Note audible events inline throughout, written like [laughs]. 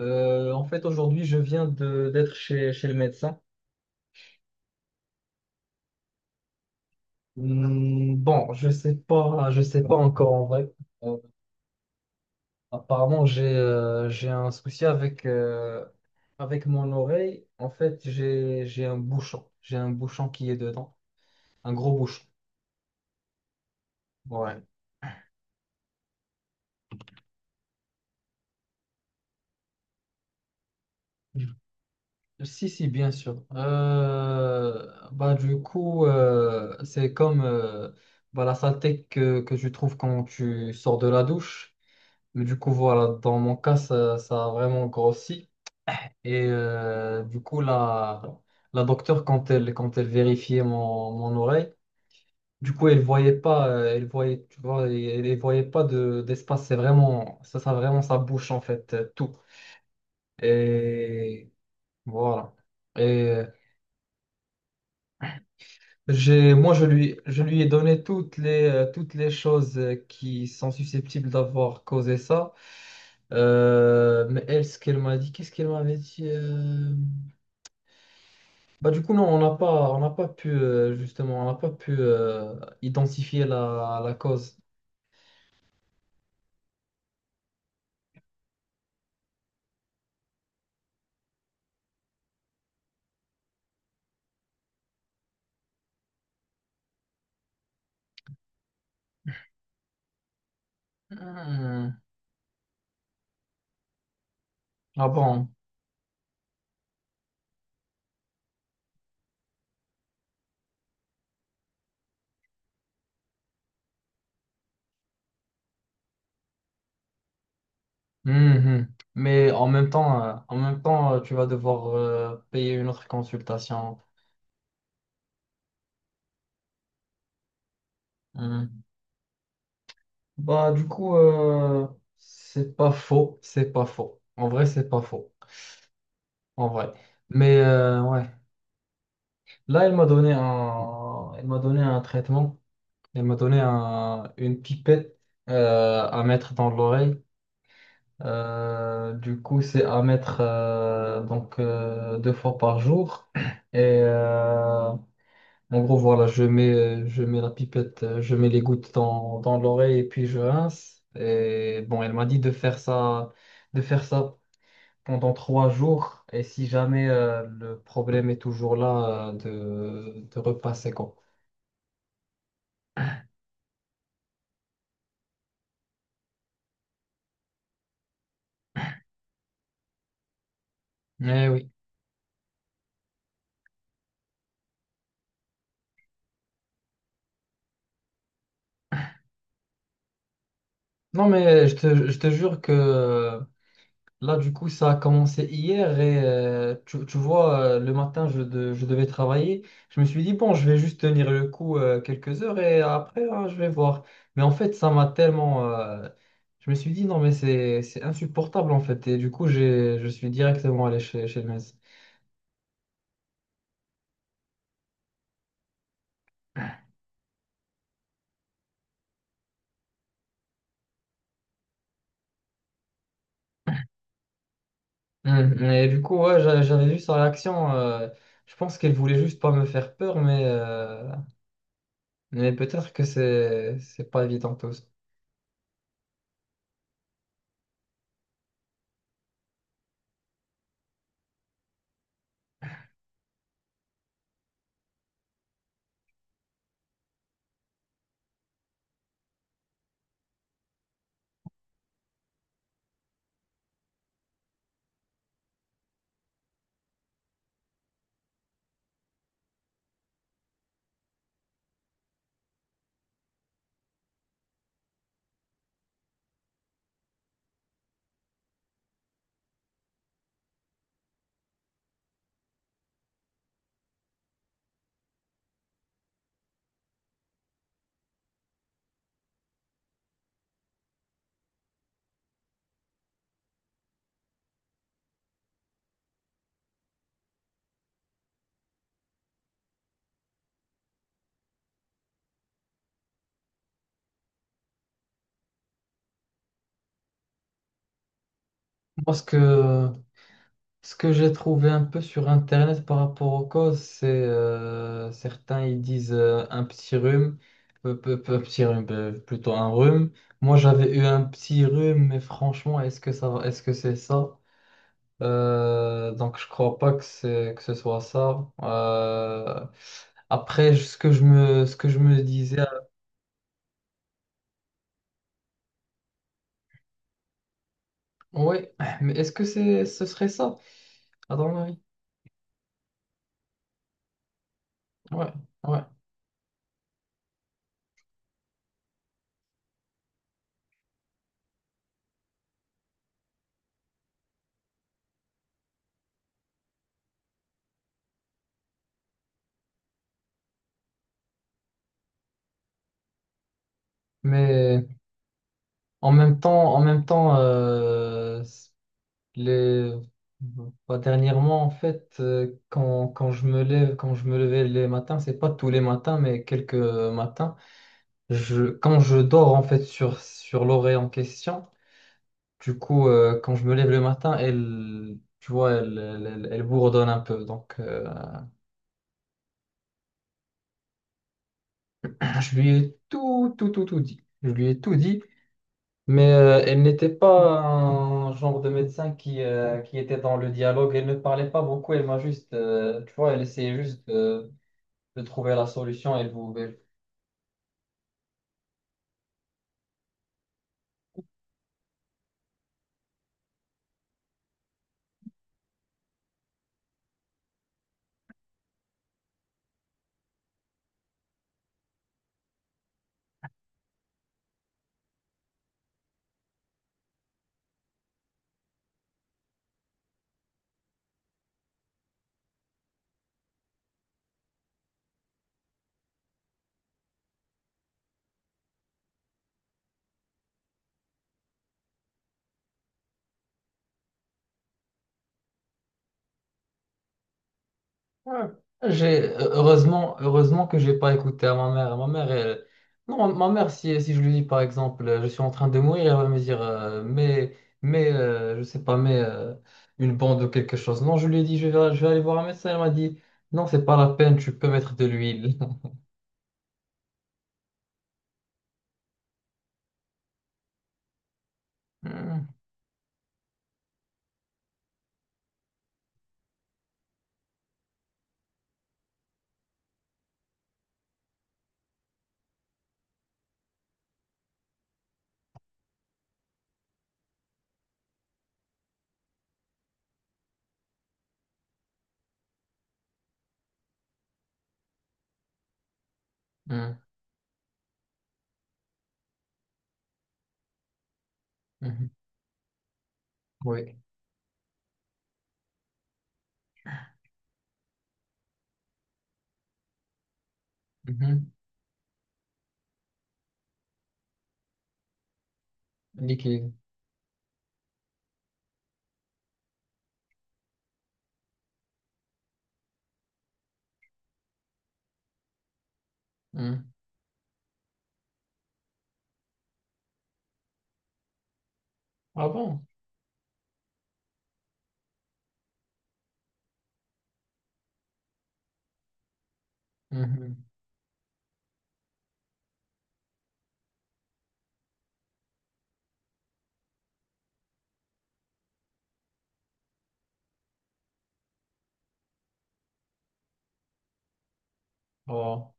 En fait, aujourd'hui, je viens de d'être chez, chez le médecin. Hmm, bon, je sais pas encore en vrai. Euh, apparemment, j'ai un souci avec avec mon oreille. En fait, j'ai un bouchon, j'ai un bouchon qui est dedans, un gros bouchon. Ouais. Si, si, bien sûr. Bah, du coup, c'est comme bah, la saleté que tu trouves quand tu sors de la douche. Mais du coup, voilà, dans mon cas, ça a vraiment grossi. Et du coup, la docteure, quand elle vérifiait mon, mon oreille, du coup, elle voyait pas, elle voyait, tu vois, elle, elle voyait pas de, d'espace. C'est vraiment, ça vraiment sa bouche, en fait, tout. Et voilà. Et euh, j'ai, moi, je lui ai donné toutes les choses qui sont susceptibles d'avoir causé ça. Mais elle, ce qu'elle m'a dit, qu'est-ce qu'elle m'avait dit? Bah, du coup, non, on n'a pas pu, justement, on n'a pas pu identifier la, la cause. Hmm. Ah bon. Mhm. Mais en même temps, tu vas devoir payer une autre consultation. Hmm. Bah, du coup, c'est pas faux, c'est pas faux. En vrai, c'est pas faux, en vrai. Mais ouais, là, elle m'a donné un, elle m'a donné un traitement, elle m'a donné un, une pipette à mettre dans l'oreille. Du coup, c'est à mettre donc deux fois par jour. Et en gros, voilà, je mets la pipette, je mets les gouttes dans, dans l'oreille et puis je rince. Et bon, elle m'a dit de faire ça pendant trois jours. Et si jamais le problème est toujours là, de repasser quoi. Eh oui. Non, mais je te jure que là, du coup, ça a commencé hier et tu, tu vois, le matin, je, je devais travailler. Je me suis dit, bon, je vais juste tenir le coup quelques heures et après, hein, je vais voir. Mais en fait, ça m'a tellement... je me suis dit, non, mais c'est insupportable, en fait. Et du coup, j'ai, je suis directement allé chez, chez le médecin. Hum. Et du coup, ouais, j'avais vu sa réaction. Je pense qu'elle voulait juste pas me faire peur, mais peut-être que c'est pas évident tout ça. Parce que... ce que j'ai trouvé un peu sur Internet par rapport aux causes, c'est certains ils disent un petit rhume, petit rhume, plutôt un rhume. Moi j'avais eu un petit rhume, mais franchement, est-ce que ça, est-ce que c'est ça? Donc je crois pas que c'est que ce soit ça. Après, ce que je me, ce que je me disais, oui, mais est-ce que c'est, ce serait ça? Attends, Marie. Ouais, ouais. Mais en même temps, les... bah, dernièrement, en fait, quand, quand je me lève, quand je me levais les matins, c'est pas tous les matins, mais quelques matins, je, quand je dors en fait sur, sur l'oreille en question, du coup, quand je me lève le matin, elle, tu vois, elle, elle, elle bourdonne un peu. Donc, [laughs] je lui ai tout, tout, tout, tout dit. Je lui ai tout dit, mais elle n'était pas un genre de médecin qui était dans le dialogue. Elle ne parlait pas beaucoup, elle m'a juste, tu vois, elle essayait juste de trouver la solution et vous. Et- Ouais. J'ai heureusement que j'ai pas écouté à ma mère. Ma mère elle- non ma mère si, si je lui dis par exemple je suis en train de mourir elle va me dire mais mais je sais pas mais une bande ou quelque chose. Non je lui ai dit je vais aller voir un médecin elle m'a dit non c'est pas la peine tu peux mettre de l'huile. [laughs] Mhm, mhm, mhm. Oui. Mhm. Liquide. Mhm. Ah bon? Mhm. Oh.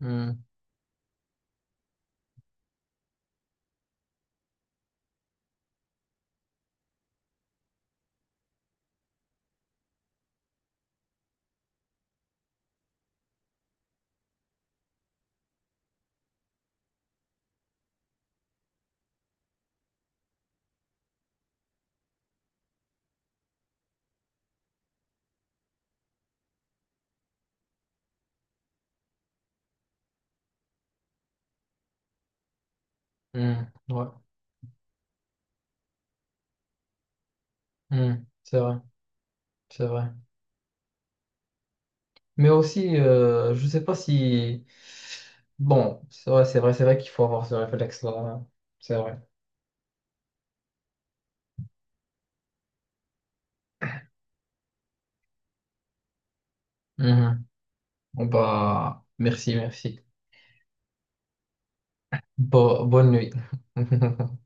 Mhm, mhm. Ouais. Mhm. C'est vrai, c'est vrai. Mais aussi, je sais pas si... bon, c'est vrai, c'est vrai, c'est vrai qu'il faut avoir ce réflexe-là, hein. C'est vrai. Mhm. Bon, bah, merci, merci. Bonne nuit. [laughs]